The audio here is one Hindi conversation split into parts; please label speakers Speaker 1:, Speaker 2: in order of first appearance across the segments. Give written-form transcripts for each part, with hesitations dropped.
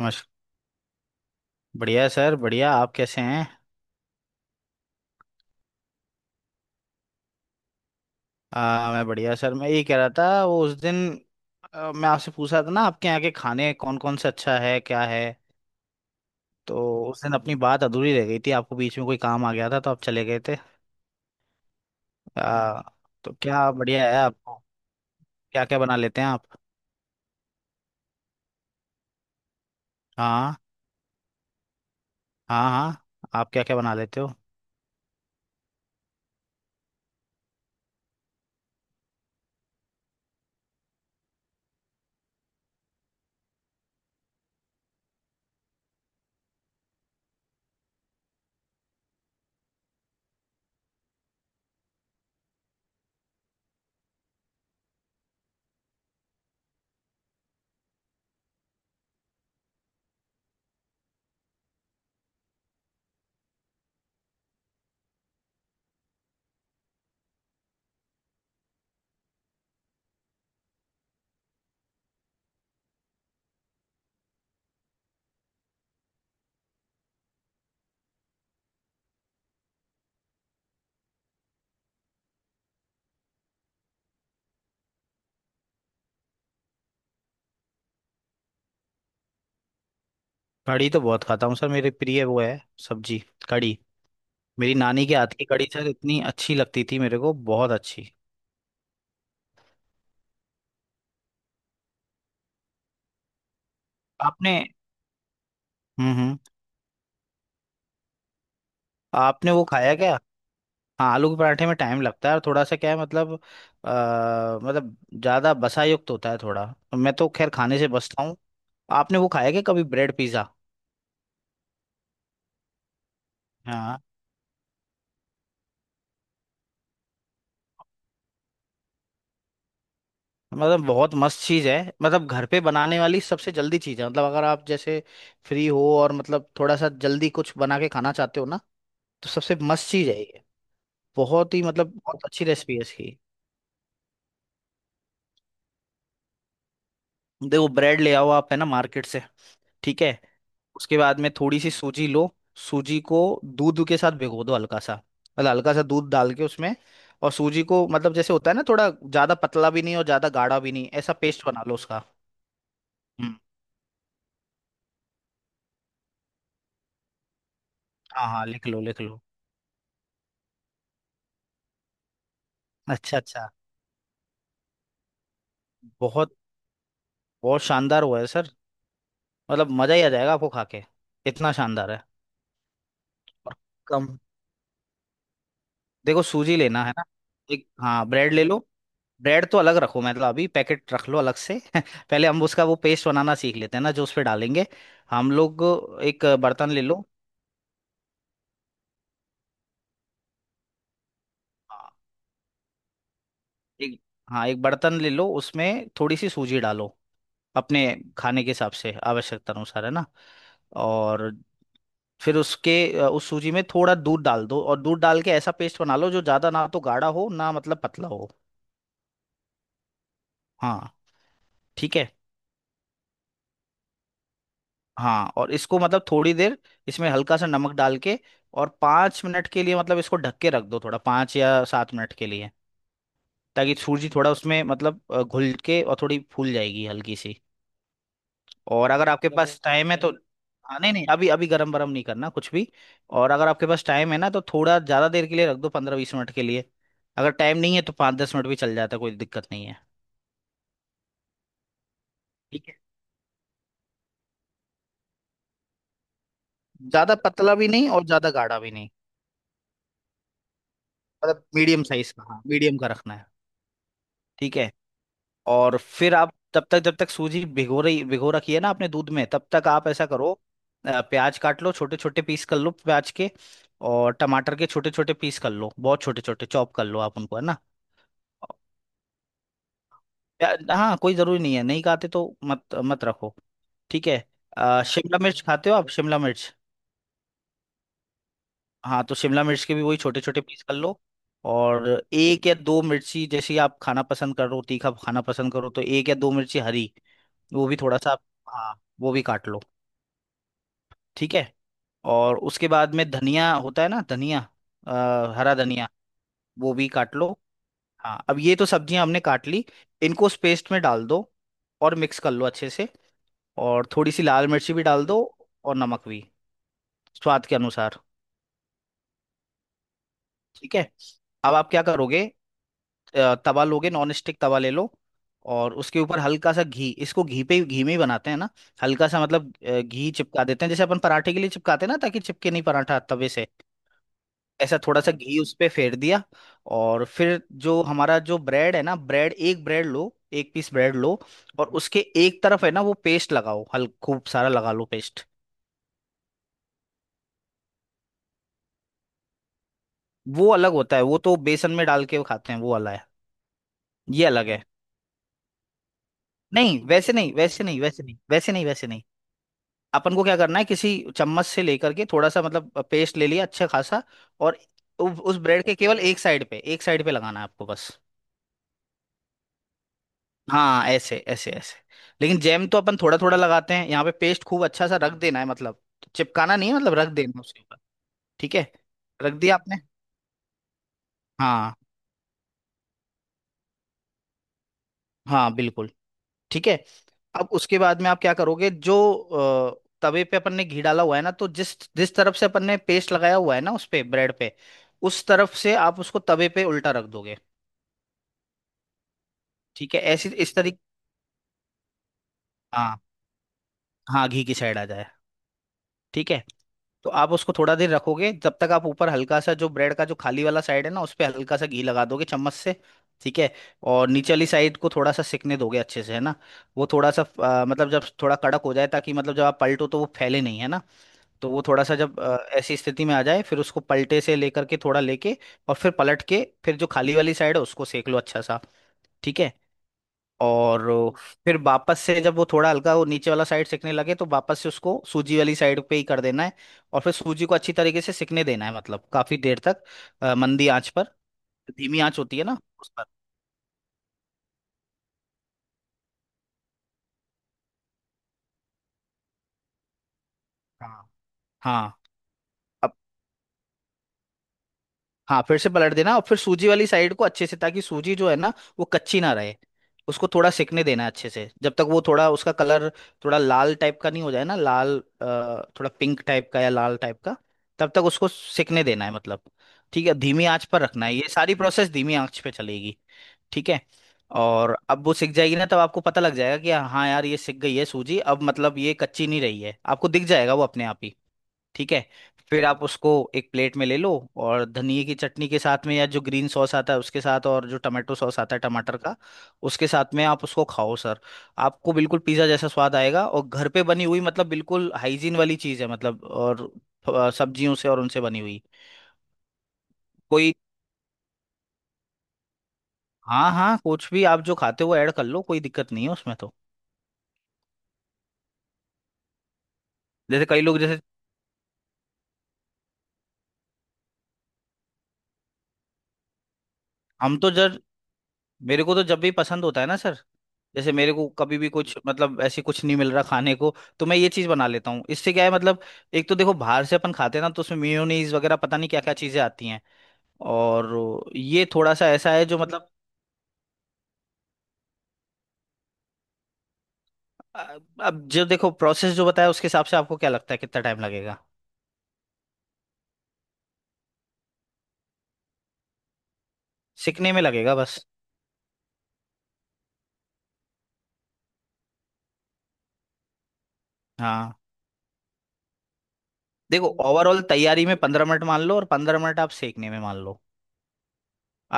Speaker 1: नमस्कार। बढ़िया है सर, बढ़िया। आप कैसे हैं? मैं बढ़िया सर। मैं ये कह रहा था वो उस दिन, मैं आपसे पूछ रहा था ना, आपके यहाँ के खाने कौन कौन से अच्छा है, क्या है? तो उस दिन अपनी बात अधूरी रह गई थी, आपको बीच में कोई काम आ गया था तो आप चले गए थे। आ, तो क्या बढ़िया है आपको, क्या क्या बना लेते हैं आप? हाँ, हाँ, हाँ। आप क्या क्या बना लेते हो? कढ़ी तो बहुत खाता हूँ सर, मेरी प्रिय वो है, सब्जी, कढ़ी। मेरी नानी के हाथ की कढ़ी सर इतनी अच्छी लगती थी मेरे को, बहुत अच्छी। आपने। हम्म, हम्म। आपने वो खाया क्या? हाँ, आलू के पराठे में टाइम लगता है और थोड़ा सा क्या है मतलब, मतलब ज़्यादा बसा युक्त होता है थोड़ा। मैं तो खैर खाने से बचता हूँ। आपने वो खाया क्या कभी, ब्रेड पिज़्ज़ा? हाँ, मतलब बहुत मस्त चीज़ है। मतलब घर पे बनाने वाली सबसे जल्दी चीज़ है। मतलब अगर आप जैसे फ्री हो और मतलब थोड़ा सा जल्दी कुछ बना के खाना चाहते हो ना, तो सबसे मस्त चीज़ है ये। बहुत ही मतलब बहुत अच्छी रेसिपी है इसकी। देखो, ब्रेड ले आओ आप, है ना, मार्केट से। ठीक है। उसके बाद में थोड़ी सी सूजी लो। सूजी को दूध के साथ भिगो दो हल्का सा। मतलब हल्का सा दूध डाल के उसमें। और सूजी को मतलब, जैसे होता है ना, थोड़ा ज्यादा पतला भी नहीं और ज्यादा गाढ़ा भी नहीं, ऐसा पेस्ट बना लो उसका। हम्म। हाँ, हाँ, लिख लो, लिख लो। अच्छा, अच्छा। बहुत बहुत शानदार हुआ है सर। मतलब मजा ही आ जाएगा आपको खा के, इतना शानदार है। और कम। देखो सूजी लेना है ना, एक, हाँ, ब्रेड ले लो। ब्रेड तो अलग रखो, मतलब अभी पैकेट रख लो अलग से पहले हम उसका वो पेस्ट बनाना सीख लेते हैं ना, जो उस पे डालेंगे हम लोग। एक बर्तन ले लो। हाँ, एक, हाँ एक बर्तन ले लो, उसमें थोड़ी सी सूजी डालो, अपने खाने के हिसाब से आवश्यकता अनुसार, है ना। और फिर उसके, उस सूजी में थोड़ा दूध डाल दो, और दूध डाल के ऐसा पेस्ट बना लो जो ज़्यादा ना तो गाढ़ा हो ना मतलब पतला हो। हाँ। ठीक है। हाँ, और इसको मतलब थोड़ी देर, इसमें हल्का सा नमक डाल के और 5 मिनट के लिए, मतलब इसको ढक के रख दो थोड़ा, 5 या 7 मिनट के लिए, ताकि सूजी थोड़ा उसमें मतलब घुल के और थोड़ी फूल जाएगी हल्की सी। और अगर आपके मतलब पास टाइम है तो, हाँ नहीं नहीं, अभी अभी गरम गरम नहीं करना कुछ भी। और अगर आपके पास टाइम है ना, तो थोड़ा ज़्यादा देर के लिए रख दो, 15 20 मिनट के लिए। अगर टाइम नहीं है तो 5 10 मिनट भी चल जाता है, कोई दिक्कत नहीं है। ठीक है। ज़्यादा पतला भी नहीं और ज़्यादा गाढ़ा भी नहीं, मतलब मीडियम साइज का, हाँ मीडियम का रखना है। ठीक है। और फिर आप तब तक, जब तक सूजी भिगो रखी है ना आपने दूध में, तब तक आप ऐसा करो, प्याज काट लो, छोटे छोटे पीस कर लो प्याज के। और टमाटर के छोटे छोटे पीस कर लो, बहुत छोटे छोटे चॉप कर लो आप उनको, है ना। हाँ कोई ज़रूरी नहीं है, नहीं खाते तो मत मत रखो। ठीक है। शिमला मिर्च खाते हो आप, शिमला मिर्च? हाँ तो शिमला मिर्च के भी वही छोटे छोटे पीस कर लो। और एक या दो मिर्ची, जैसे आप खाना पसंद करो, तीखा खाना पसंद करो तो एक या दो मिर्ची हरी, वो भी थोड़ा सा हाँ वो भी काट लो। ठीक है। और उसके बाद में धनिया होता है ना, धनिया, हरा धनिया, वो भी काट लो। हाँ अब ये तो सब्जियां हमने काट ली, इनको उस पेस्ट में डाल दो और मिक्स कर लो अच्छे से। और थोड़ी सी लाल मिर्ची भी डाल दो, और नमक भी स्वाद के अनुसार। ठीक है। अब आप क्या करोगे, तवा लोगे, नॉन स्टिक तवा ले लो, और उसके ऊपर हल्का सा घी, इसको घी पे घी में ही बनाते हैं ना। हल्का सा मतलब, घी चिपका देते हैं, जैसे अपन पराठे के लिए चिपकाते हैं ना, ताकि चिपके नहीं पराठा तवे से। ऐसा थोड़ा सा घी उस पे फेर दिया। और फिर जो हमारा जो ब्रेड है ना, ब्रेड, एक ब्रेड लो, एक पीस ब्रेड लो। और उसके एक तरफ है ना वो पेस्ट लगाओ, हल खूब सारा लगा लो पेस्ट। वो अलग होता है, वो तो बेसन में डाल के खाते हैं वो वाला है। ये अलग है। नहीं वैसे नहीं, वैसे नहीं, वैसे नहीं, वैसे नहीं, वैसे नहीं। अपन को क्या करना है, किसी चम्मच से लेकर के थोड़ा सा मतलब पेस्ट ले लिया अच्छा खासा। और उस ब्रेड के केवल एक साइड पे, एक साइड पे लगाना है आपको बस। हाँ, ऐसे ऐसे ऐसे। लेकिन जैम तो अपन थोड़ा थोड़ा लगाते हैं, यहाँ पे पेस्ट खूब अच्छा सा रख देना है मतलब, चिपकाना नहीं है मतलब, रख देना उसके ऊपर। ठीक है। रख दिया आपने। हाँ हाँ बिल्कुल। ठीक है। अब उसके बाद में आप क्या करोगे, जो तवे पे अपन ने घी डाला हुआ है ना, तो जिस जिस तरफ से अपन ने पेस्ट लगाया हुआ है ना, उस पे ब्रेड पे, उस तरफ से आप उसको तवे पे उल्टा रख दोगे। ठीक है, ऐसी इस तरीके। हाँ, हाँ घी की साइड आ जाए। ठीक है। तो आप उसको थोड़ा देर रखोगे, जब तक आप ऊपर हल्का सा जो ब्रेड का जो खाली वाला साइड है ना, उस पे हल्का सा घी लगा दोगे चम्मच से। ठीक है। और नीचे वाली साइड को थोड़ा सा सिकने दोगे अच्छे से, है ना। वो थोड़ा सा मतलब जब थोड़ा कड़क हो जाए, ताकि मतलब जब आप पलटो तो वो फैले नहीं, है ना। तो वो थोड़ा सा जब ऐसी स्थिति में आ जाए, फिर उसको पलटे से लेकर के थोड़ा लेके, और फिर पलट के, फिर जो खाली वाली साइड है उसको सेक लो अच्छा सा। ठीक है। और फिर वापस से जब वो थोड़ा हल्का वो नीचे वाला साइड सिकने लगे, तो वापस से उसको सूजी वाली साइड पे ही कर देना है। और फिर सूजी को अच्छी तरीके से सिकने देना है, मतलब काफी देर तक, मंदी आंच पर। धीमी आंच होती है ना उस पर। हाँ हाँ हाँ, फिर से पलट देना और फिर सूजी वाली साइड को अच्छे से, ताकि सूजी जो है ना, वो कच्ची ना रहे। उसको थोड़ा सिकने देना है अच्छे से, जब तक वो थोड़ा उसका कलर थोड़ा लाल टाइप का नहीं हो जाए ना, लाल, थोड़ा पिंक टाइप का या लाल टाइप का, तब तक उसको सिकने देना है मतलब। ठीक है, धीमी आंच पर रखना है, ये सारी प्रोसेस धीमी आंच पे चलेगी। ठीक है। और अब वो सिक जाएगी ना, तब आपको पता लग जाएगा कि हाँ यार ये सिक गई है सूजी, अब मतलब ये कच्ची नहीं रही है, आपको दिख जाएगा वो अपने आप ही। ठीक है। फिर आप उसको एक प्लेट में ले लो, और धनिए की चटनी के साथ में, या जो ग्रीन सॉस आता है उसके साथ, और जो टमाटो सॉस आता है टमाटर का, उसके साथ में आप उसको खाओ सर। आपको बिल्कुल पिज़्ज़ा जैसा स्वाद आएगा, और घर पे बनी हुई, मतलब बिल्कुल हाइजीन वाली चीज़ है मतलब, और सब्जियों से और उनसे बनी हुई। कोई, हाँ हाँ, कुछ भी आप जो खाते हो ऐड कर लो, कोई दिक्कत नहीं है उसमें तो। जैसे कई लोग जैसे, हम तो जर मेरे को तो जब भी पसंद होता है ना सर, जैसे मेरे को कभी भी कुछ मतलब ऐसे कुछ नहीं मिल रहा खाने को, तो मैं ये चीज बना लेता हूँ। इससे क्या है मतलब, एक तो देखो बाहर से अपन खाते हैं ना तो उसमें मेयोनीज वगैरह पता नहीं क्या क्या चीजें आती हैं। और ये थोड़ा सा ऐसा है जो मतलब, अ- अब जो देखो प्रोसेस जो बताया उसके हिसाब से आपको क्या लगता है कितना टाइम लगेगा, सीखने में लगेगा बस। हाँ देखो, ओवरऑल तैयारी में 15 मिनट मान लो, और 15 मिनट आप सीखने में मान लो,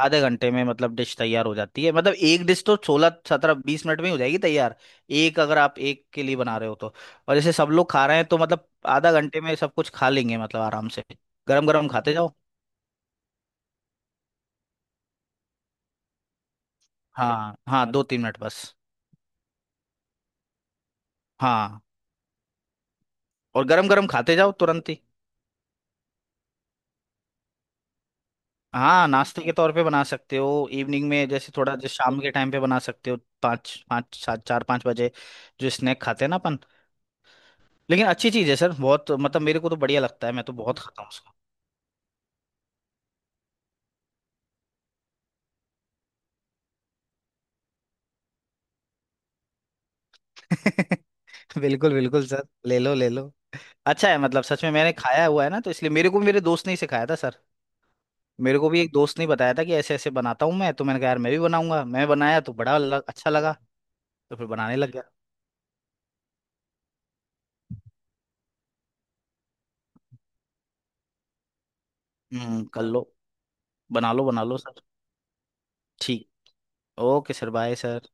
Speaker 1: आधे घंटे में मतलब डिश तैयार हो जाती है। मतलब एक डिश तो 16 17 20 मिनट में ही हो जाएगी तैयार, एक, अगर आप एक के लिए बना रहे हो तो। और जैसे सब लोग खा रहे हैं तो मतलब आधा घंटे में सब कुछ खा लेंगे मतलब, आराम से। गरम गरम खाते जाओ। हाँ हाँ, 2 3 मिनट बस। हाँ, और गरम गरम खाते जाओ तुरंत ही। हाँ, नाश्ते के तौर पे बना सकते हो, इवनिंग में जैसे, थोड़ा जैसे शाम के टाइम पे बना सकते हो, पाँच पाँच सात, 4 5 बजे, जो स्नैक खाते हैं ना अपन। लेकिन अच्छी चीज़ है सर, बहुत, मतलब मेरे को तो बढ़िया लगता है, मैं तो बहुत खाता हूँ। उसको बिल्कुल बिल्कुल सर, ले लो, ले लो। अच्छा है, मतलब सच में मैंने खाया हुआ है ना, तो इसलिए, मेरे को भी मेरे दोस्त ने ही सिखाया था सर। मेरे को भी एक दोस्त ने बताया था कि ऐसे ऐसे बनाता हूँ मैं, तो मैंने कहा यार मैं भी बनाऊंगा, मैं बनाया तो बड़ा अच्छा लगा। तो फिर बनाने लग गया। हम्म, कर लो, बना लो, बना लो सर। ठीक। Okay sir, bye sir.